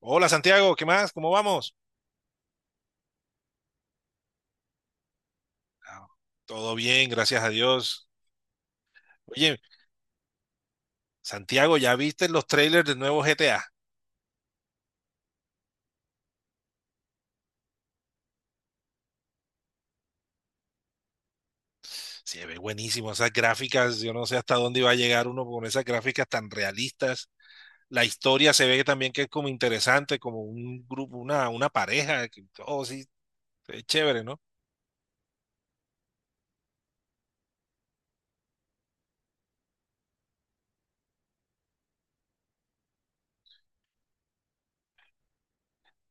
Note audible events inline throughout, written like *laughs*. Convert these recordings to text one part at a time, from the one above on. Hola Santiago, ¿qué más? ¿Cómo vamos? Ah, Todo bien, gracias a Dios. Oye, Santiago, ¿ya viste los trailers del nuevo GTA? Se ve buenísimo esas gráficas, yo no sé hasta dónde iba a llegar uno con esas gráficas tan realistas. La historia se ve también que es como interesante, como un grupo, una pareja, que, oh sí, es chévere, ¿no?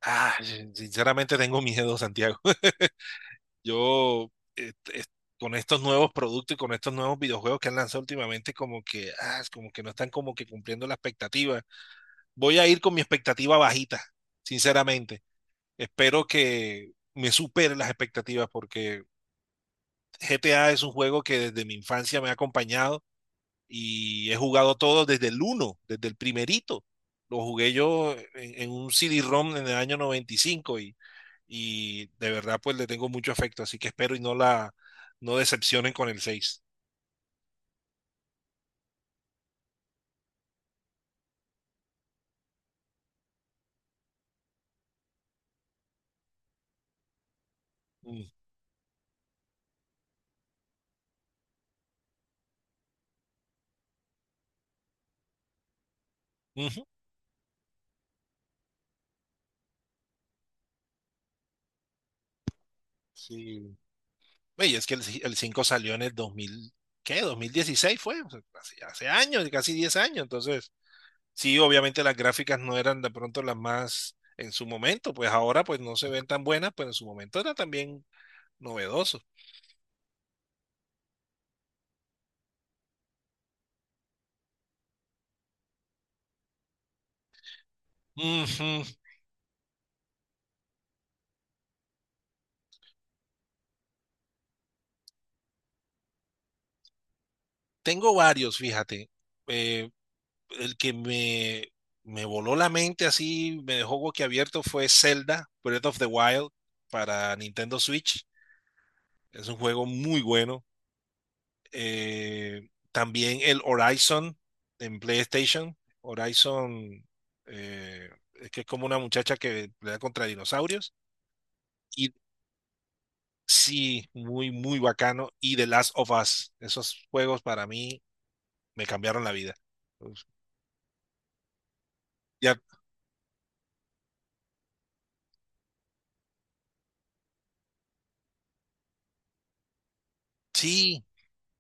Sinceramente tengo miedo, Santiago. *laughs* Yo, eh, eh, con estos nuevos productos y con estos nuevos videojuegos que han lanzado últimamente, como que, es como que no están como que cumpliendo la expectativa. Voy a ir con mi expectativa bajita, sinceramente. Espero que me supere las expectativas porque GTA es un juego que desde mi infancia me ha acompañado y he jugado todo desde el uno, desde el primerito. Lo jugué yo en un CD-ROM en el año 95 y de verdad pues le tengo mucho afecto, así que espero y no decepcionen con el seis. Mm. Ujú. Sí. Oye, es que el 5 salió en el dos mil, ¿qué? 2016 fue, o sea, hace, hace años, casi 10 años, entonces sí, obviamente las gráficas no eran de pronto las más en su momento, pues ahora pues no se ven tan buenas, pero en su momento era también novedoso. Ujú. Tengo varios, fíjate. eh, el que me voló la mente así, me dejó boquiabierto fue Zelda Breath of the Wild para Nintendo Switch. Es un juego muy bueno. También el Horizon en PlayStation. Horizon, eh, es que es como una muchacha que pelea contra dinosaurios. Y sí, muy, muy bacano. Y The Last of Us. Esos juegos para mí me cambiaron la vida. Ya, sí,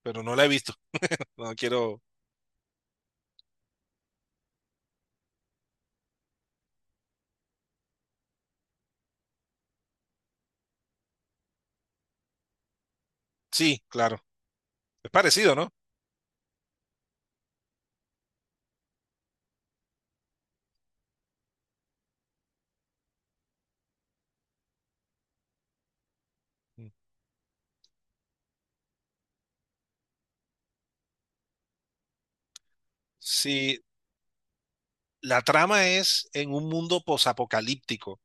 pero no la he visto. No quiero. Sí, claro. Es parecido, ¿no? Sí, la trama es en un mundo posapocalíptico,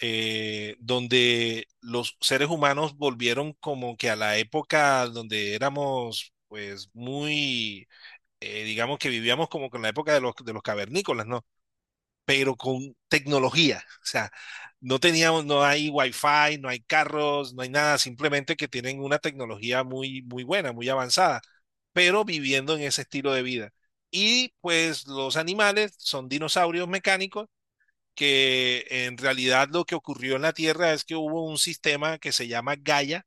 donde los seres humanos volvieron como que a la época donde éramos, pues, muy, digamos que vivíamos como con la época de de los cavernícolas, ¿no? Pero con tecnología. O sea, no teníamos, no hay wifi, no hay carros, no hay nada, simplemente que tienen una tecnología muy, muy buena, muy avanzada, pero viviendo en ese estilo de vida. Y pues los animales son dinosaurios mecánicos que en realidad lo que ocurrió en la Tierra es que hubo un sistema que se llama Gaia,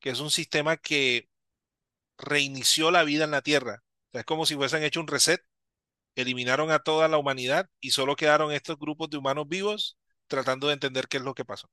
que es un sistema que reinició la vida en la Tierra. O sea, es como si hubiesen hecho un reset, eliminaron a toda la humanidad y solo quedaron estos grupos de humanos vivos tratando de entender qué es lo que pasó.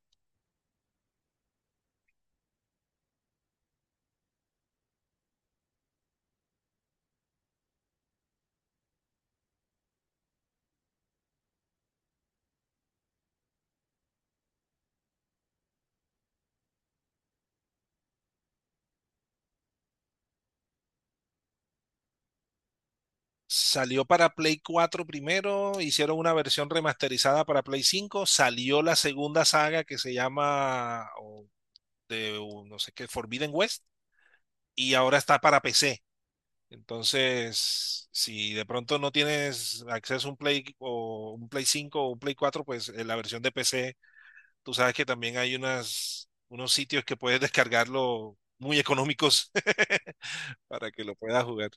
Salió para Play 4 primero, hicieron una versión remasterizada para Play cinco, salió la segunda saga que se llama o de o no sé qué, Forbidden West, y ahora está para PC. Entonces, si de pronto no tienes acceso a un Play o un Play 5 o un Play cuatro, pues la versión de PC. Tú sabes que también hay unos sitios que puedes descargarlo muy económicos *laughs* para que lo puedas jugar.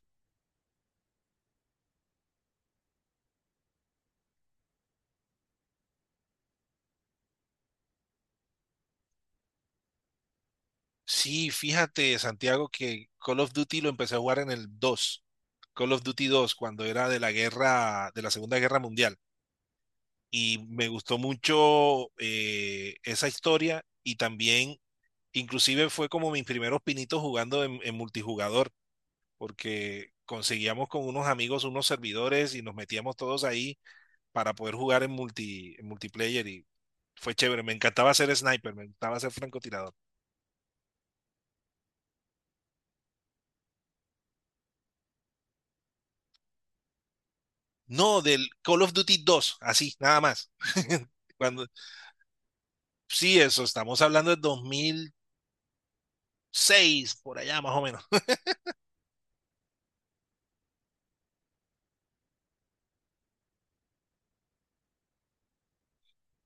Sí, fíjate, Santiago, que Call of Duty lo empecé a jugar en el dos, Call of Duty dos, cuando era de la guerra, de la Segunda Guerra Mundial. Y me gustó mucho, esa historia y también, inclusive fue como mis primeros pinitos jugando en multijugador, porque conseguíamos con unos amigos unos servidores y nos metíamos todos ahí para poder jugar en multiplayer y fue chévere. Me encantaba ser sniper, me encantaba ser francotirador. No, del Call of Duty 2, así, nada más. *laughs* Cuando, sí, eso, estamos hablando de 2006, por allá más o menos. *laughs*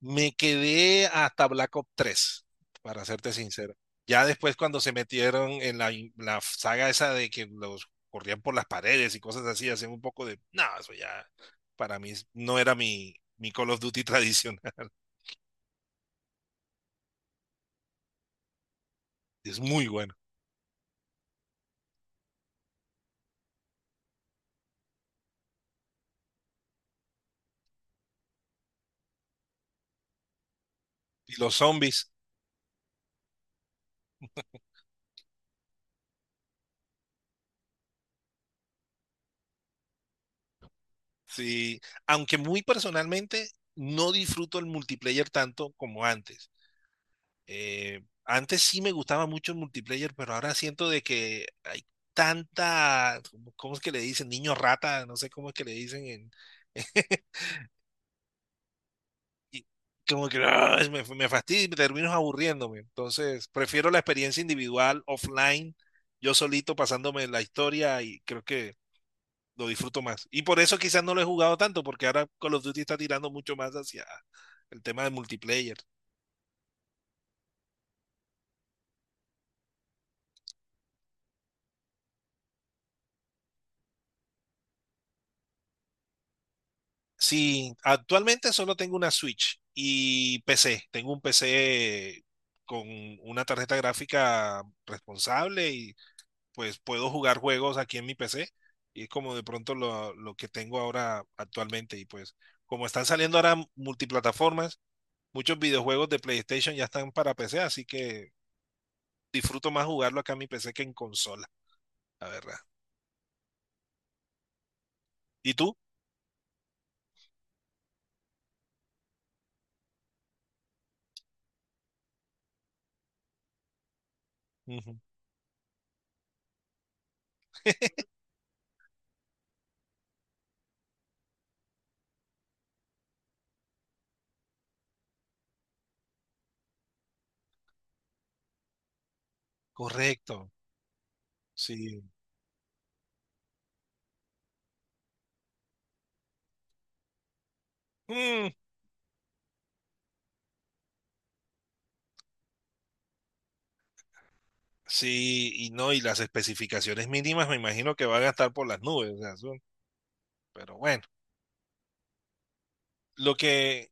Me quedé hasta Black Ops 3, para serte sincero. Ya después cuando se metieron en la saga esa de que los corrían por las paredes y cosas así, hacían un poco de, no, eso ya para mí no era mi Call of Duty *laughs* tradicional. Es muy bueno. Y los zombies. Sí, aunque muy personalmente no disfruto el multiplayer tanto como antes. Antes sí me gustaba mucho el multiplayer, pero ahora siento de que hay tanta, ¿cómo es que le dicen? Niño rata, no sé cómo es que le dicen en... *laughs* Y como que me fastidio y termino aburriéndome. Entonces, prefiero la experiencia individual, offline, yo solito pasándome la historia y creo que lo disfruto más. Y por eso quizás no lo he jugado tanto, porque ahora Call of Duty está tirando mucho más hacia el tema de multiplayer. Sí, actualmente solo tengo una Switch y PC. Tengo un PC con una tarjeta gráfica responsable y pues puedo jugar juegos aquí en mi PC. Y es como de pronto lo que tengo ahora actualmente. Y pues como están saliendo ahora multiplataformas, muchos videojuegos de PlayStation ya están para PC, así que disfruto más jugarlo acá en mi PC que en consola, la verdad. ¿Y tú? Ujú. Correcto, sí. Mm, sí, y no, y las especificaciones mínimas me imagino que van a estar por las nubes, o sea, son, pero bueno, lo que,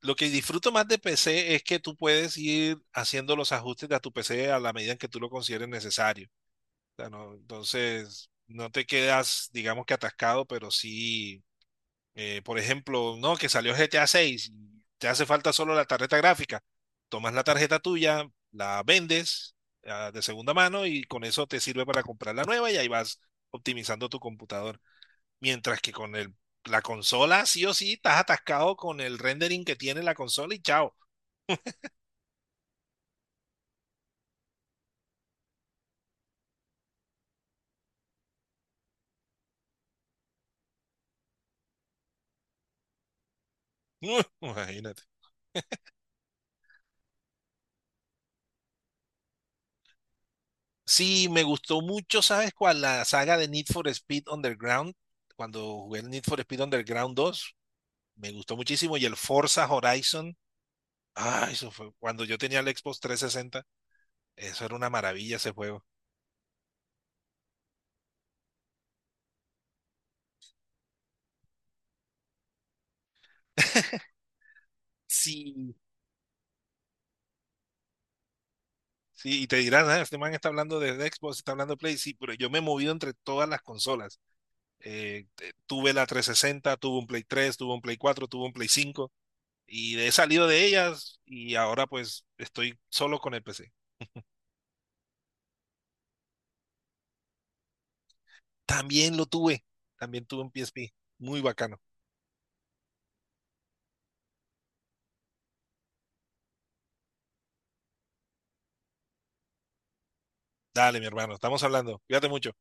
lo que disfruto más de PC es que tú puedes ir haciendo los ajustes a tu PC a la medida en que tú lo consideres necesario. O sea, no, entonces, no te quedas, digamos que atascado, pero sí. Por ejemplo, no, que salió GTA 6, te hace falta solo la tarjeta gráfica. Tomas la tarjeta tuya, la vendes, de segunda mano y con eso te sirve para comprar la nueva y ahí vas optimizando tu computador. Mientras que con la consola, sí o sí, estás atascado con el rendering que tiene la consola y chao. *laughs* Imagínate. Sí, me gustó mucho, ¿sabes cuál? La saga de Need for Speed Underground. Cuando jugué el Need for Speed Underground 2, me gustó muchísimo. Y el Forza Horizon. Ah, eso fue cuando yo tenía el Xbox 360. Eso era una maravilla ese juego. Sí. Sí, y te dirán, "Ah, este man está hablando de Xbox, está hablando de Play". Sí, pero yo me he movido entre todas las consolas. Tuve la 360, tuve un Play 3, tuve un Play 4, tuve un Play 5 y he salido de ellas y ahora pues estoy solo con el PC. También lo tuve, también tuve un PSP. Muy bacano. Dale, mi hermano, estamos hablando. Cuídate mucho.